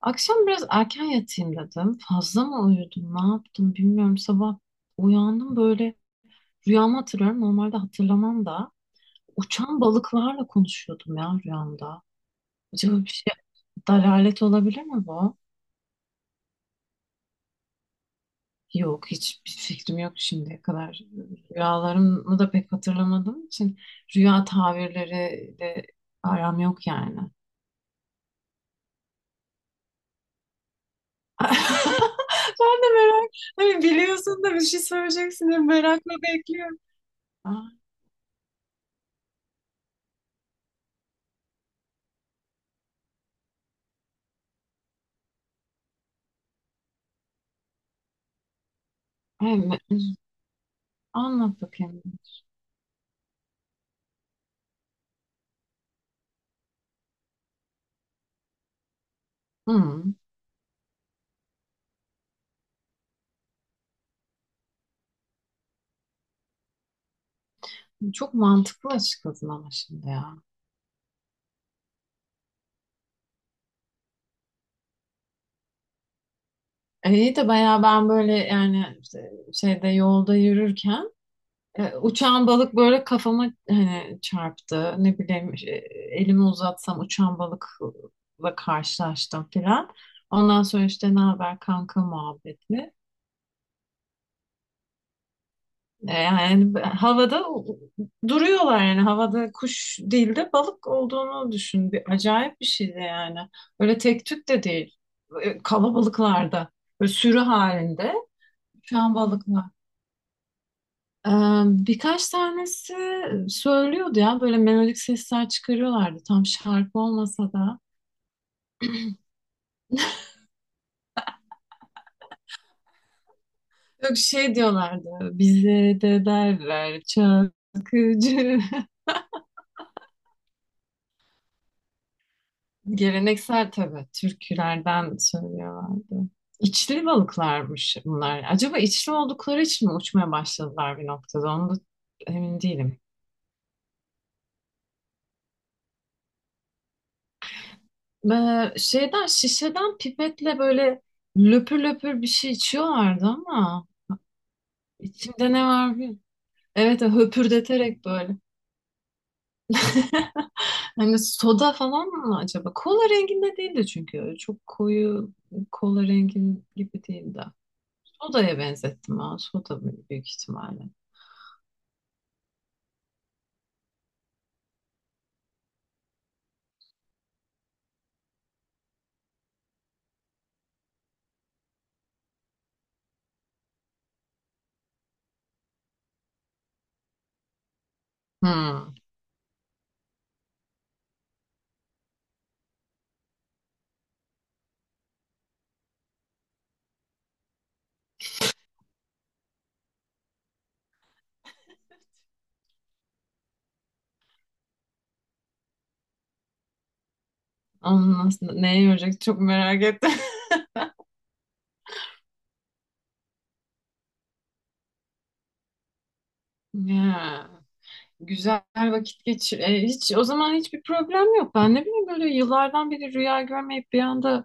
Akşam biraz erken yatayım dedim. Fazla mı uyudum, ne yaptım bilmiyorum. Sabah uyandım, böyle rüyamı hatırlıyorum. Normalde hatırlamam da. Uçan balıklarla konuşuyordum ya rüyamda. Acaba bir şey dalalet olabilir mi bu? Yok, hiçbir fikrim yok şimdiye kadar. Rüyalarımı da pek hatırlamadığım için rüya tabirleri de aram yok yani. Ben de merak, hani biliyorsun da bir şey söyleyeceksin diye merakla bekliyorum. Aa, evet, anlat bakayım. Hı, çok mantıklı açıkladın ama şimdi ya. İyi de bayağı ben böyle yani işte şeyde yolda yürürken uçan balık böyle kafama hani çarptı. Ne bileyim elimi uzatsam uçan balıkla karşılaştım filan. Ondan sonra işte ne haber kanka muhabbeti. Yani havada duruyorlar, yani havada kuş değil de balık olduğunu düşün. Acayip bir şeydi yani. Öyle tek tük de değil. Kalabalıklarda. Böyle sürü halinde uçan balıklar. E, birkaç tanesi söylüyordu ya, böyle melodik sesler çıkarıyorlardı. Tam şarkı olmasa da. Yok, şey diyorlardı. Bize de derler çakıcı. Geleneksel tabii türkülerden söylüyorlardı. İçli balıklarmış bunlar. Acaba içli oldukları için mi uçmaya başladılar bir noktada? Onu da emin değilim. Şeyden şişeden pipetle böyle löpür löpür bir şey içiyorlardı ama içimde ne var bir? Evet evet, höpürdeterek böyle. Hani soda falan mı acaba? Kola renginde değildi çünkü. Çok koyu kola rengin gibi değildi. Soda'ya benzettim ha. Soda büyük ihtimalle. Hmm. Onun nasıl, neye yoracak çok merak ettim. Ya, güzel vakit geçir. Hiç o zaman hiçbir problem yok. Ben ne bileyim, böyle yıllardan beri rüya görmeyip bir anda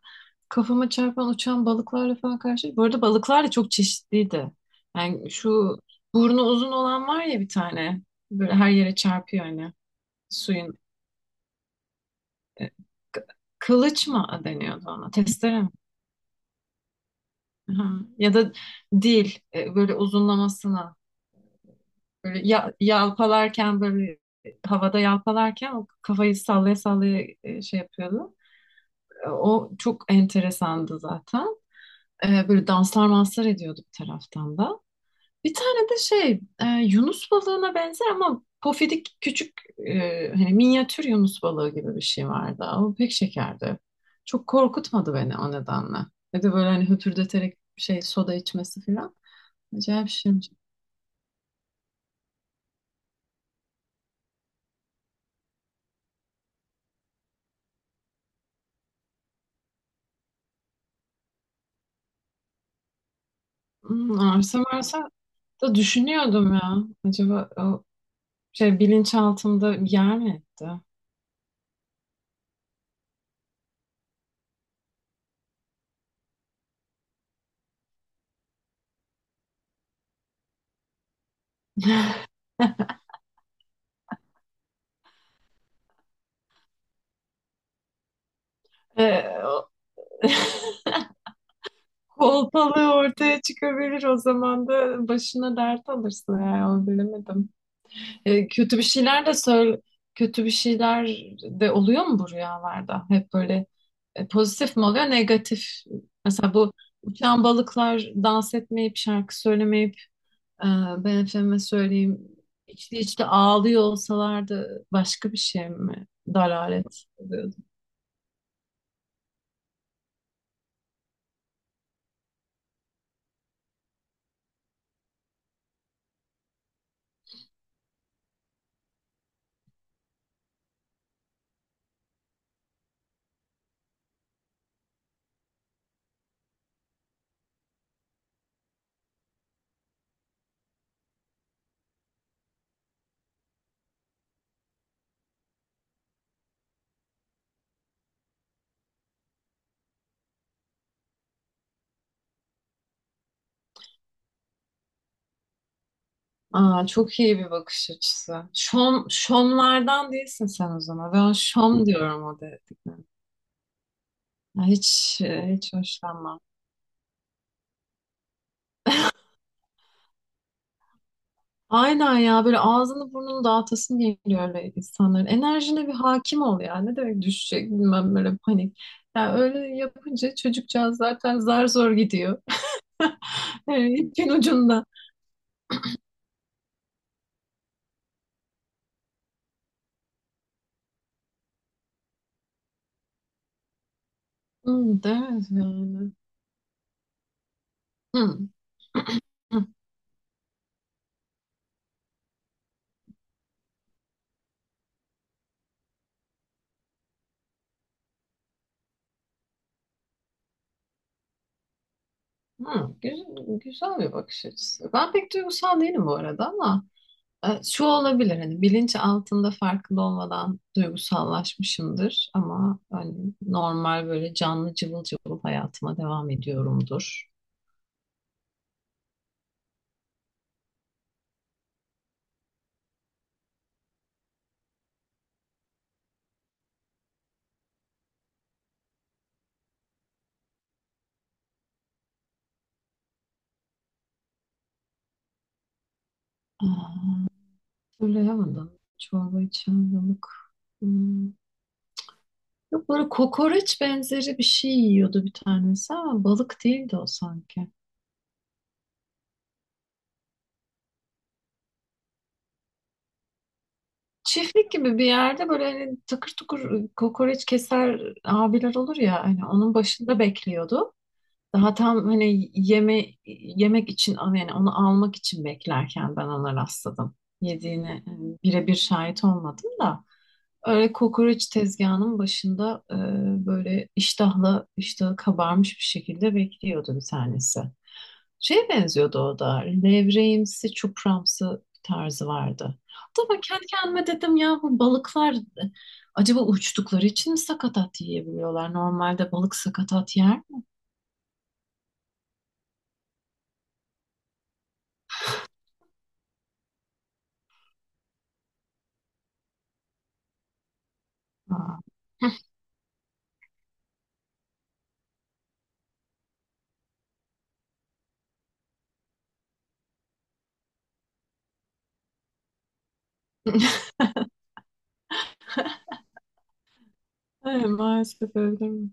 kafama çarpan uçan balıklarla falan karşı. Bu arada balıklar da çok çeşitliydi. Yani şu burnu uzun olan var ya bir tane. Böyle her yere çarpıyor hani. Suyun e, k- kılıç mı deniyordu ona? Testere mi? Aha. Ya da dil böyle uzunlamasına, böyle ya, yalpalarken, böyle havada yalpalarken o kafayı sallaya sallaya şey yapıyordu. O çok enteresandı zaten. Böyle danslar manslar ediyordu bir taraftan da. Bir tane de şey Yunus balığına benzer ama pofidik küçük, hani minyatür Yunus balığı gibi bir şey vardı. Ama pek şekerdi. Çok korkutmadı beni o nedenle. Ya da böyle hani höpürdeterek şey soda içmesi falan. Acayip şey. Hmm, arsa varsa da düşünüyordum ya. Acaba o şey bilinçaltımda bir yer mi etti? Ee, o- Kolpalığı ortaya çıkabilir o zaman, da başına dert alırsın, yani onu bilemedim. Kötü bir şeyler de söyle, kötü bir şeyler de oluyor mu bu rüyalarda? Hep böyle pozitif mi oluyor, negatif? Mesela bu uçan balıklar dans etmeyip şarkı söylemeyip Ee, Ben efendime söyleyeyim içli içli ağlıyor olsalardı, başka bir şey mi? Dalalet oluyordu. Aa, çok iyi bir bakış açısı. Şomlardan değilsin sen o zaman. Ben şom diyorum o dediklerine. Ya hiç, hiç hoşlanmam. Aynen ya, böyle ağzını burnunu dağıtasın geliyor öyle insanların. Enerjine bir hakim ol ya. Ne demek düşecek bilmem, böyle panik. Ya öyle yapınca çocukcağız zaten zar zor gidiyor. Evet, İpin ucunda. Hı, değil mi yani? Hı, hı, hı. Güzel, güzel bir bakış açısı. Ben pek duygusal değilim bu arada ama şu olabilir, hani bilinç altında farkında olmadan duygusallaşmışımdır ama hani normal böyle canlı cıvıl cıvıl hayatıma devam ediyorumdur. Aa, hatırlayamadım. Çorba içen balık. Hmm. Yok, böyle kokoreç benzeri bir şey yiyordu bir tanesi ama balık değildi o sanki. Çiftlik gibi bir yerde böyle hani takır tukur kokoreç keser abiler olur ya, hani onun başında bekliyordu. Daha tam hani yeme yemek için, yani onu almak için beklerken ben ona rastladım. Yediğine birebir şahit olmadım da, öyle kokoreç tezgahının başında böyle iştahla, iştahı kabarmış bir şekilde bekliyordu bir tanesi. Şeye benziyordu o da, levreğimsi çupramsı tarzı vardı. Hatta ben kendi kendime dedim ya, bu balıklar acaba uçtukları için mi sakatat yiyebiliyorlar? Normalde balık sakatat yer. Aa. Evet, maalesef öyle değil mi?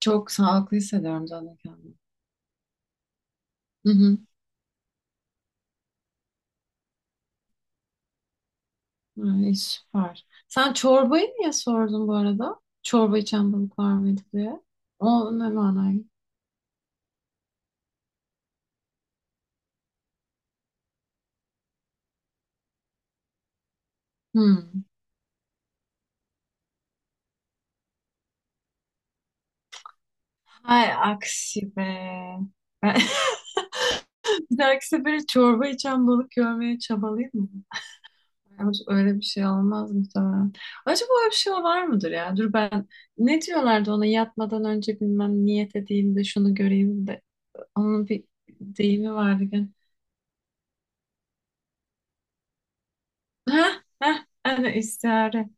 Çok sağlıklı hissediyorum zaten kendimi. Hı hı. Ay, süper. Sen çorbayı niye sordun bu arada? Çorba içen balık var mıydı diye. O ne manayı? Hmm. Hay aksi be. Ben bir dahaki sefere çorba içen balık görmeye çabalayayım mı? Ama öyle bir şey olmaz muhtemelen. Acaba öyle bir şey var mıdır ya? Dur ben, ne diyorlardı ona, yatmadan önce bilmem niyet edeyim de şunu göreyim de. Onun bir deyimi vardı gene. Heh, heh, evet, istihare.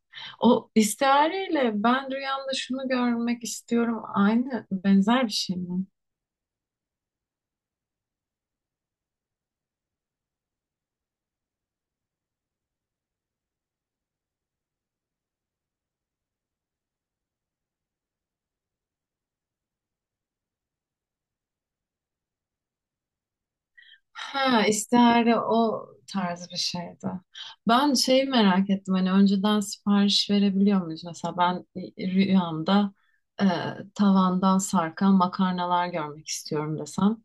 O istihareyle ben rüyamda şunu görmek istiyorum. Aynı benzer bir şey mi? Ha, istihare o tarz bir şeydi. Ben şeyi merak ettim. Hani önceden sipariş verebiliyor muyuz? Mesela ben rüyamda e, tavandan sarkan makarnalar görmek istiyorum desem.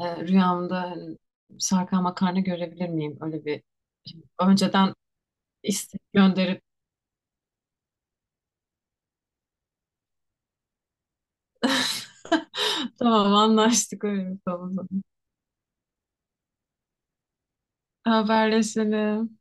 Rüyamda hani sarkan makarna görebilir miyim? Öyle bir önceden istek gönderip. Tamam, anlaştık, öyle yapalım o zaman. Haberleşelim.